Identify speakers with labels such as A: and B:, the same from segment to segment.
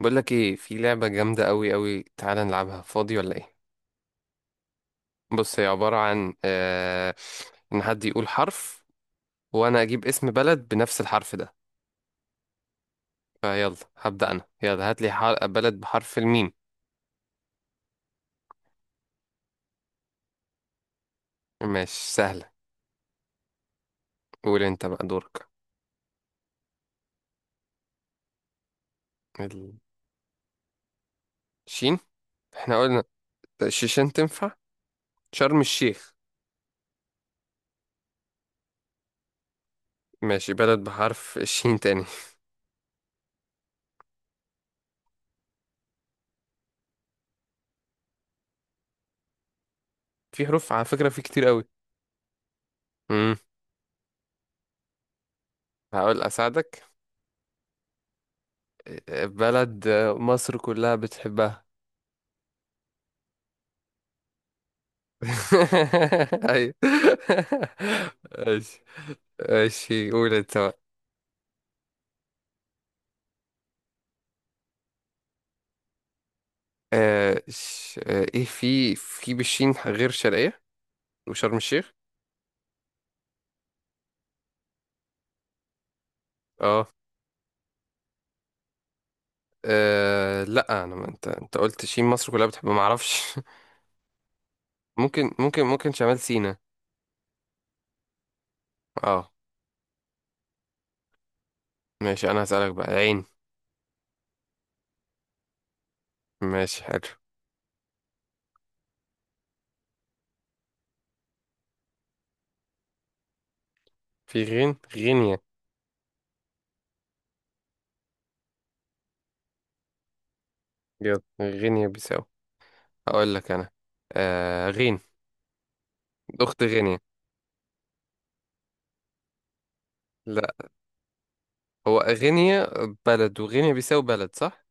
A: بقول لك ايه، في لعبة جامدة قوي قوي، تعالى نلعبها فاضي ولا ايه؟ بص، هي عبارة عن ان حد يقول حرف. وانا اجيب اسم بلد بنفس الحرف ده. فيلا. هبدأ انا، يلا هات لي بلد بحرف الميم. ماشي، سهلة. قول انت بقى، دورك. الشين. احنا قلنا. الشيشان تنفع. شرم الشيخ. ماشي، بلد بحرف الشين تاني. في حروف على فكرة، في كتير قوي. امم هقول اساعدك. بلد مصر كلها بتحبها. ايوه. ماشي. ماشي، قول انت بقى. آه ش... آه ايه في بشين غير شرقية. وشرم الشيخ. اه. لا انا ما انت قلت شين مصر كلها بتحب ما اعرفش. ممكن شمال سيناء. اه. ماشي، انا هسألك بقى، العين. ماشي، حلو. في غين، غينيا. يلا، غينيا بيساو. هقول لك انا. غين. اخت غينيا. لا. هو غينيا. بلد، وغينيا بيساو بلد، صح.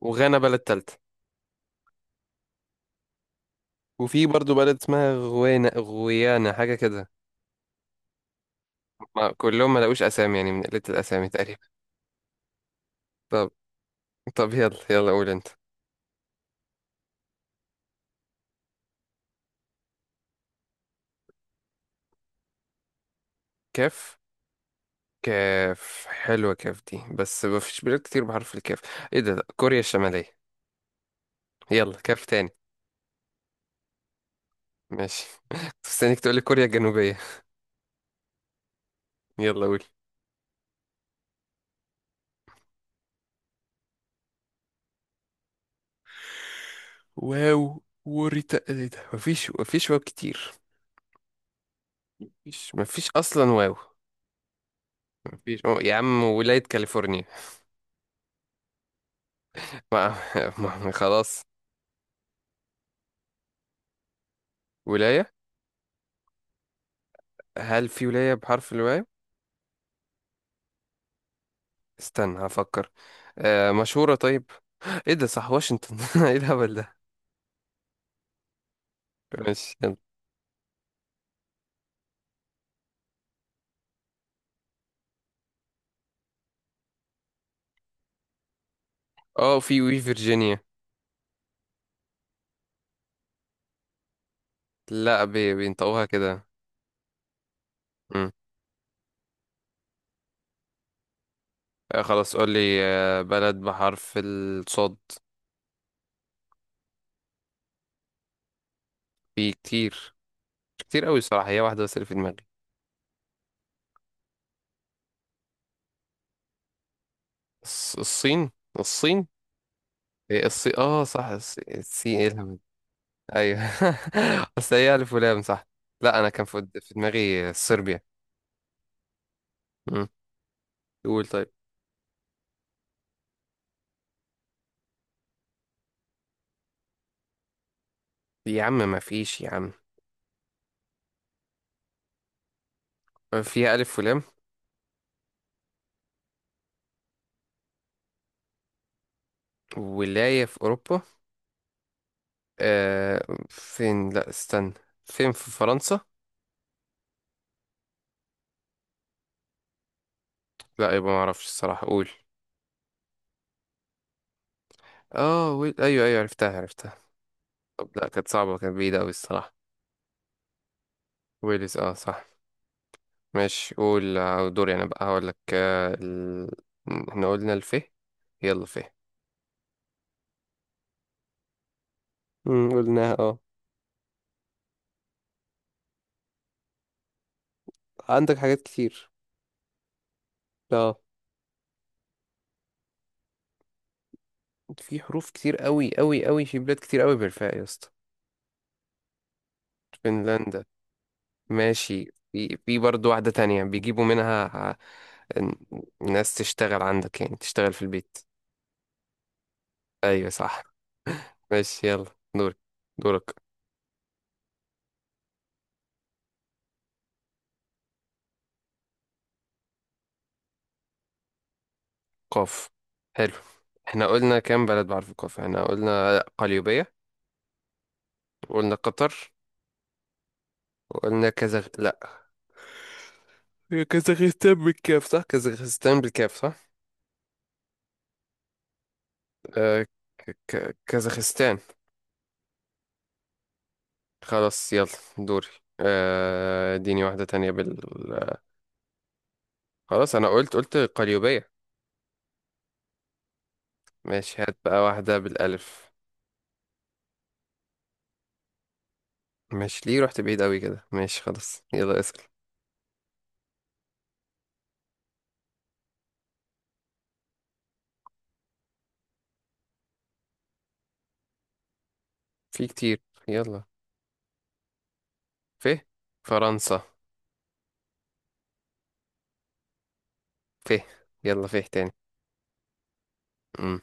A: وغانا بلد تالتة. وفي برضو بلد اسمها غوانا، غويانا، حاجة كده. ما كلهم ما لقوش أسامي يعني، من قلة الأسامي تقريبا. طب طب يلا يلا، قول أنت. كاف. كاف حلوة، كاف دي بس ما فيش بلاد كتير بحرف الكاف. ايه ده، لا، كوريا الشمالية. يلا كاف تاني. ماشي. كنت مستنيك تقولي كوريا الجنوبية. يلا قول. واو وريتا، ايه ده، مفيش واو كتير. مفيش اصلا واو. مفيش يا عم، ولاية كاليفورنيا. ما. خلاص. ولاية. هل في ولاية بحرف الواي؟ استنى، هفكر. مشهورة طيب. ايه ده، صح، واشنطن. ايه الهبل ده؟ ماشي يلا. اه، في وي فيرجينيا. لا، بي بينطقوها كده. مم. خلاص قول لي بلد بحرف الصاد. في كتير. كتير قوي صراحة، هي واحدة بس اللي في دماغي. الصين. الصين. إيه، الصين، اه صح، الصين، ايه الهبل ده؟ ايوه. اصل هي الف ولام، صح. لا، انا كان في دماغي صربيا. مم. قول طيب. يا عم ما فيش، يا عم. فيها ألف ولام. ولاية في أوروبا. فين، لا استنى. فين، في فرنسا؟ لا، يبقى ما أعرفش الصراحة، قول. اه، أيوه أيوه، عرفتها عرفتها. طب لا، كانت صعبة، كانت بعيدة أوي الصراحة. ويلز، اه صح. ماشي قول، دوري أنا بقى، هقول لك احنا قلنا الفه. يلا فه. قلناها، اه. عندك حاجات كتير. اه. في حروف كتير أوي أوي أوي، في بلاد كتير أوي بالفاء يا اسطى. فنلندا. ماشي، في برضه واحدة تانية بيجيبوا منها. الناس تشتغل عندك، يعني تشتغل في البيت. ايوه صح. ماشي، يلا دورك. دورك. قاف. حلو. احنا قلنا كام بلد بعرف القاف، احنا قلنا قليوبية. وقلنا قطر. وقلنا كازاخ، لا. هي كازاخستان بالكاف صح، كازاخستان بالكاف صح؟ آه كازاخستان. خلاص يلا. دوري. اديني واحدة تانية خلاص، انا قلت قليوبية. ماشي، هات بقى واحدة بالألف. ماشي، ليه رحت بعيد قوي كده، ماشي خلاص، يلا اسأل. في كتير. يلا. فيه. فرنسا. فيه. يلا فيه تاني. مم.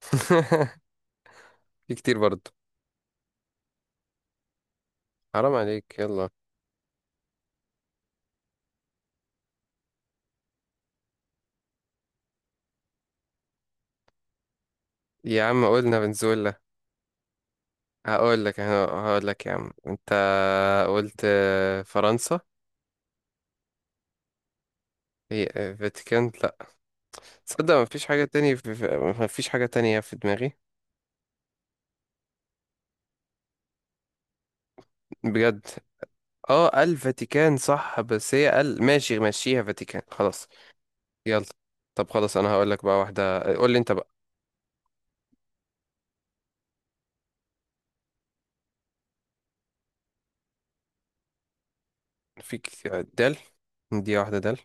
A: في كتير برضو. حرام عليك، يلا. يا عم قلنا فنزويلا. هقول لك يا عم انت. قلت فرنسا. هي فاتيكان، لا. تصدق ما فيش حاجة تانية ما فيش حاجة تانية في دماغي. بجد. اه، الفاتيكان صح، بس هي ال ماشي، مشيها فاتيكان، خلاص. يلا. طب خلاص، انا هقول لك بقى واحدة، قول لي انت. في دال. دي واحدة دال.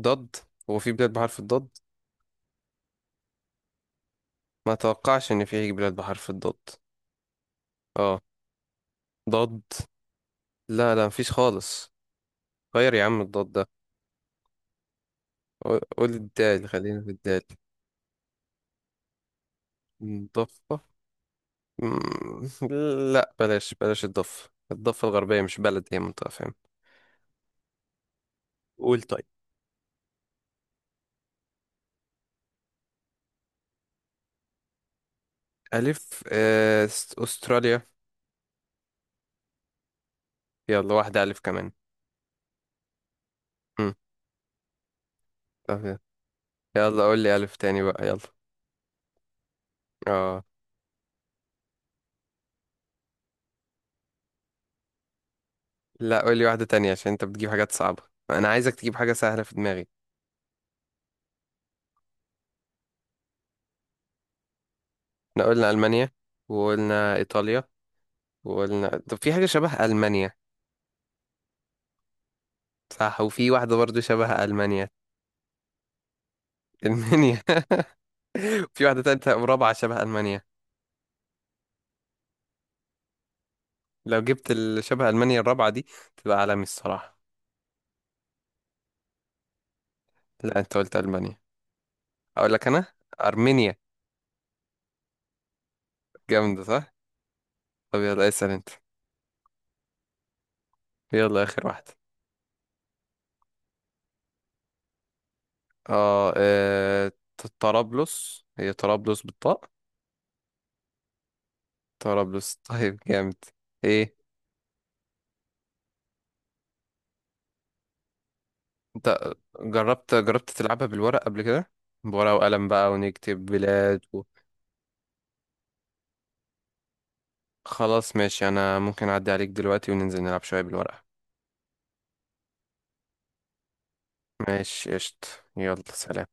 A: ضد. هو في بلاد بحرف الضاد؟ ما اتوقعش ان في بلاد بحرف الضاد. اه. ضد. لا لا، مفيش خالص. غير يا عم الضاد ده. قول الدال، خلينا في الدال. ضفة. مم. لا، بلاش بلاش الضفة الغربية مش بلد، هي منطقة، فاهم؟ قول طيب. ألف أستراليا. يلا واحدة ألف كمان. مم. طب يلا، قول لي ألف تاني بقى، يلا. اه. لا، قول لي واحدة تانية عشان انت بتجيب حاجات صعبة. انا عايزك تجيب حاجة سهلة في دماغي. احنا قلنا المانيا. وقلنا ايطاليا. وقلنا، طب في حاجة شبه المانيا. صح، وفي واحدة برضو شبه المانيا. المانيا. وفي واحدة تالتة ورابعة شبه المانيا. لو جبت شبه المانيا الرابعة دي، تبقى عالمي الصراحة. لا، انت قلت المانيا. اقول لك انا. ارمينيا. جامدة، صح؟ طب يلا، اسأل انت. يلا، اخر واحدة. اه، طرابلس، هي طرابلس بالطاء. طرابلس. طيب، جامد. ايه؟ انت جربت تلعبها بالورق قبل كده؟ بورقة وقلم بقى، ونكتب بلاد خلاص ماشي، انا ممكن اعدي عليك دلوقتي وننزل نلعب شوية بالورقة. ماشي قشط. يلا سلام.